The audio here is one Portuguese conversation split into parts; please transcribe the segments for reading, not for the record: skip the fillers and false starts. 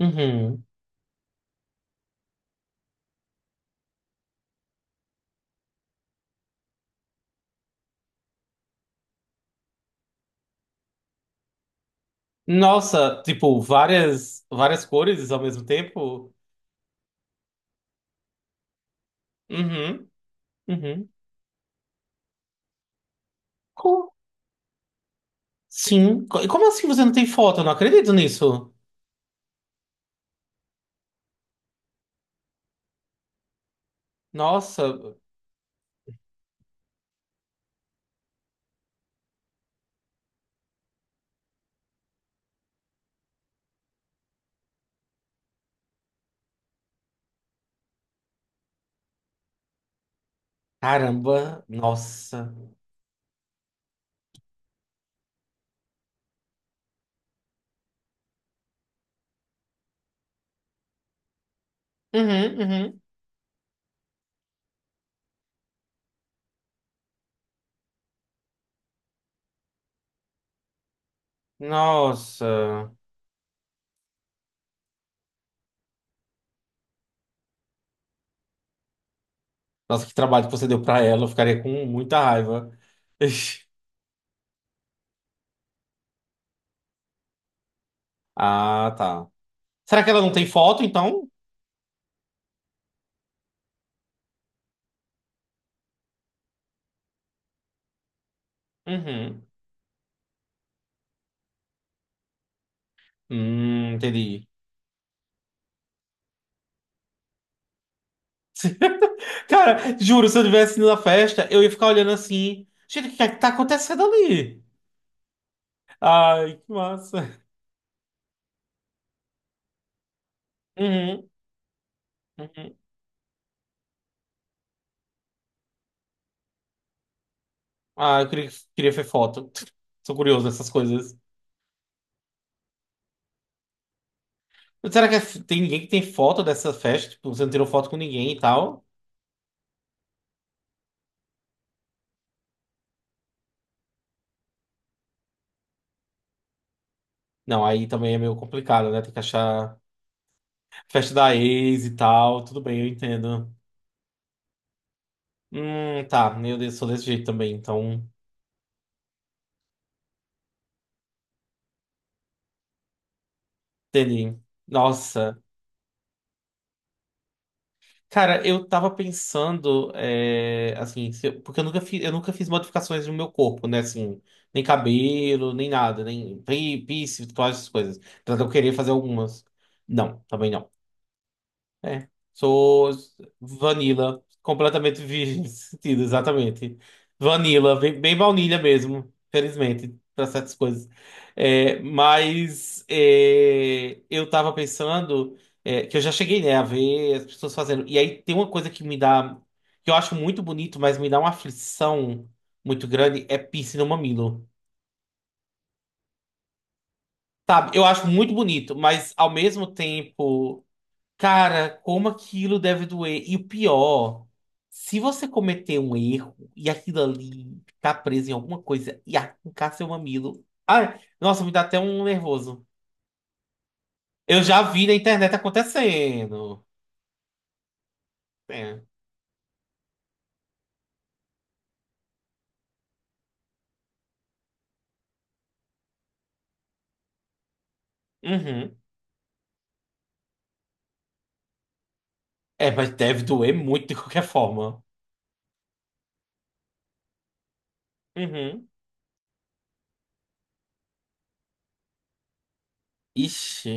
Uhum. Nossa, tipo, várias cores ao mesmo tempo? Uhum. Uhum. Co- Sim. E como assim você não tem foto? Eu não acredito nisso. Nossa. Caramba. Nossa. Uhum, uhum. Nossa. Nossa, que trabalho que você deu pra ela. Eu ficaria com muita raiva. Ixi. Ah, tá. Será que ela não tem foto, então? Uhum. Entendi. Cara, juro, se eu tivesse ido na festa, eu ia ficar olhando assim. Gente, o que é que tá acontecendo ali? Ai, que massa. Uhum, uhum. Ah, eu queria ver foto. Sou curioso dessas coisas. Será que tem ninguém que tem foto dessa festa? Tipo, você não tirou foto com ninguém e tal? Não, aí também é meio complicado, né? Tem que achar festa da ex e tal. Tudo bem, eu entendo. Tá. Meu Deus, sou desse jeito também, então. Entendi. Nossa. Cara, eu tava pensando, é, assim, se eu- porque eu nunca fiz modificações no meu corpo, né? Assim, nem cabelo, nem nada, nem pi- piercing, todas essas coisas. Apesar de eu querer fazer algumas. Não, também não. É. Sou vanilla, completamente virgem nesse sentido, exatamente. Vanilla, bem baunilha mesmo, felizmente, para certas coisas. Eu tava pensando que eu já cheguei, né, a ver as pessoas fazendo. E aí tem uma coisa que me dá, que eu acho muito bonito, mas me dá uma aflição muito grande, é piercing no mamilo. Sabe, eu acho muito bonito, mas ao mesmo tempo. Cara, como aquilo deve doer. E o pior, se você cometer um erro e aquilo ali tá preso em alguma coisa e arrancar seu mamilo. Ai, nossa, me dá até um nervoso. Eu já vi na internet acontecendo. É. Uhum. É, mas deve doer muito de qualquer forma. Uhum. Ixi,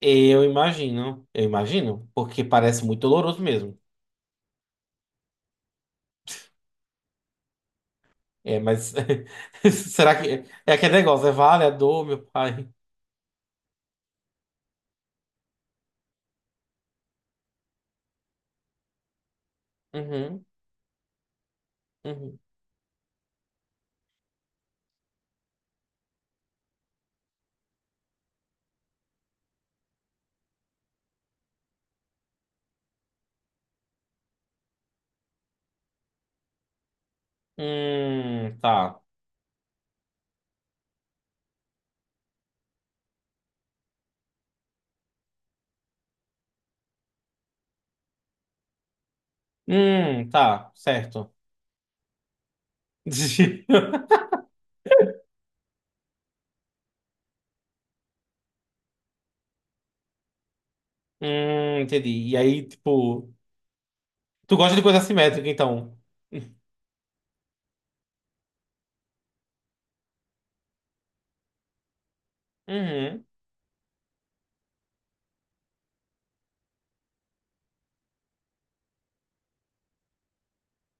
eu imagino. Eu imagino, porque parece muito doloroso mesmo. É, mas será que é aquele negócio? É vale a dor, meu pai? Uhum, uhum. Tá. Tá, certo. Entendi. E aí, tipo, tu gosta de coisa assimétrica, então? Uhum.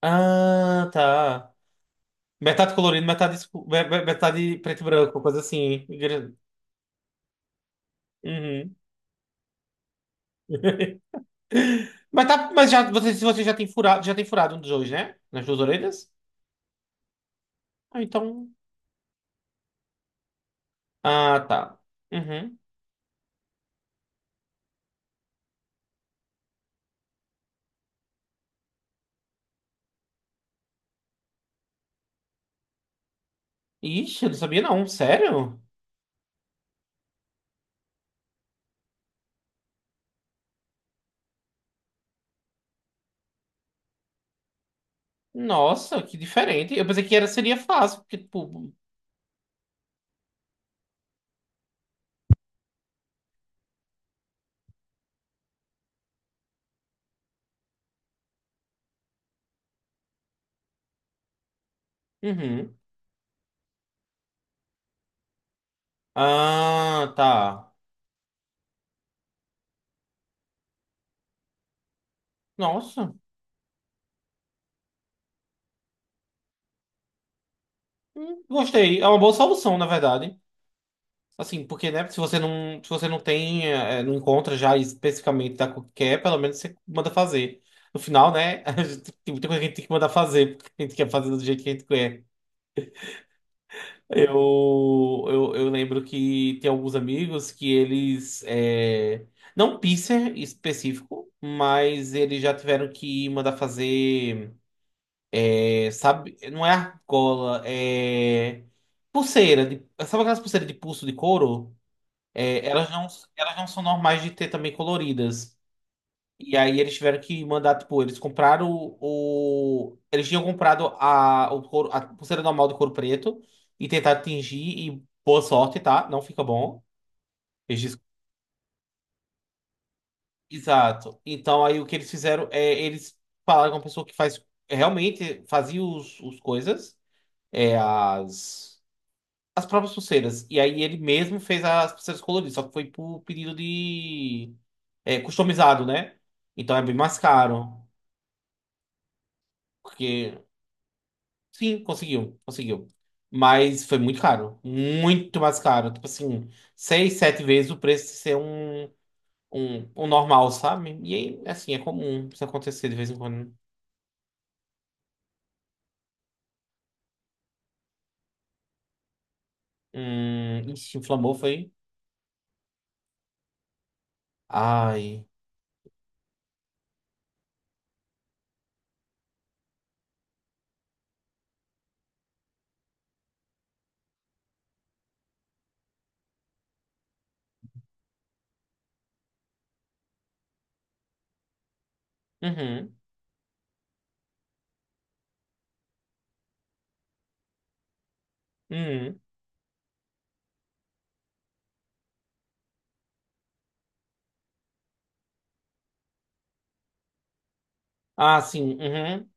Ah, tá. Metade colorido, metade, metade preto e branco, coisa assim. Uhum. Mas, tá, mas já, você, se você já tem furado um dos dois, né? Nas duas orelhas? Ah, então. Ah, tá. Uhum. Ixi, eu não sabia não. Sério? Nossa, que diferente. Eu pensei que era, seria fácil, porque, tipo, Uhum. Ah, tá. Nossa. Gostei. É uma boa solução, na verdade. Assim, porque, né, se você não, se você não tem, não encontra já especificamente da cor que quer, pelo menos você manda fazer. No final, né, a gente, tem muita coisa que a gente tem que mandar fazer, porque a gente quer fazer do jeito que a gente quer. Eu lembro que tem alguns amigos que eles, não piercer específico, mas eles já tiveram que mandar fazer. É, sabe, não é argola, é pulseira, de, sabe aquelas pulseiras de pulso de couro? É, elas não são normais de ter também coloridas. E aí eles tiveram que mandar, tipo, eles tinham comprado o couro, a pulseira normal de couro preto e tentar tingir e boa sorte, tá? Não fica bom. Eles dis- Exato. Então aí o que eles fizeram é eles falaram com a pessoa que faz realmente fazia os coisas, as as próprias pulseiras. E aí ele mesmo fez as pulseiras coloridas, só que foi por pedido de. É, customizado, né? Então é bem mais caro. Porque, sim, conseguiu, conseguiu. Mas foi muito caro. Muito mais caro. Tipo assim, seis, sete vezes o preço de ser um normal, sabe? E aí, assim, é comum isso acontecer de vez em quando. Ixi, inflamou, foi. Ai. Uhum, uhum. Ah, sim, uhum.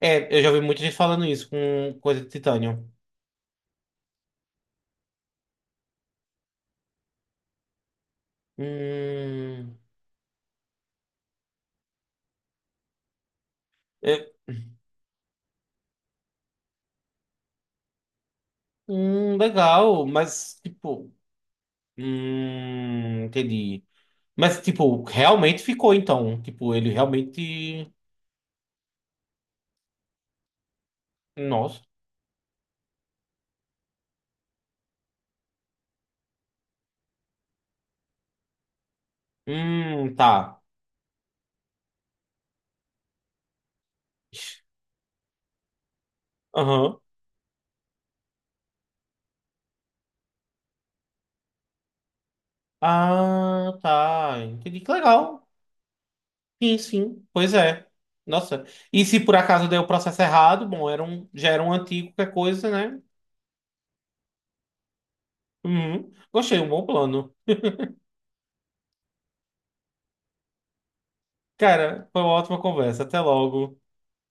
É, eu já vi muita gente falando isso com coisa de titânio. Hum, é, legal, mas tipo, entendi. Mas tipo, realmente ficou então, tipo, ele realmente, nossa. Tá. Aham. Ah, tá. Entendi. Que legal. Sim, sim. Pois é. Nossa. E se por acaso deu o processo errado, bom, era um, já era um antigo, qualquer coisa, né? Uhum. Gostei, um bom plano. Cara, foi uma ótima conversa. Até logo.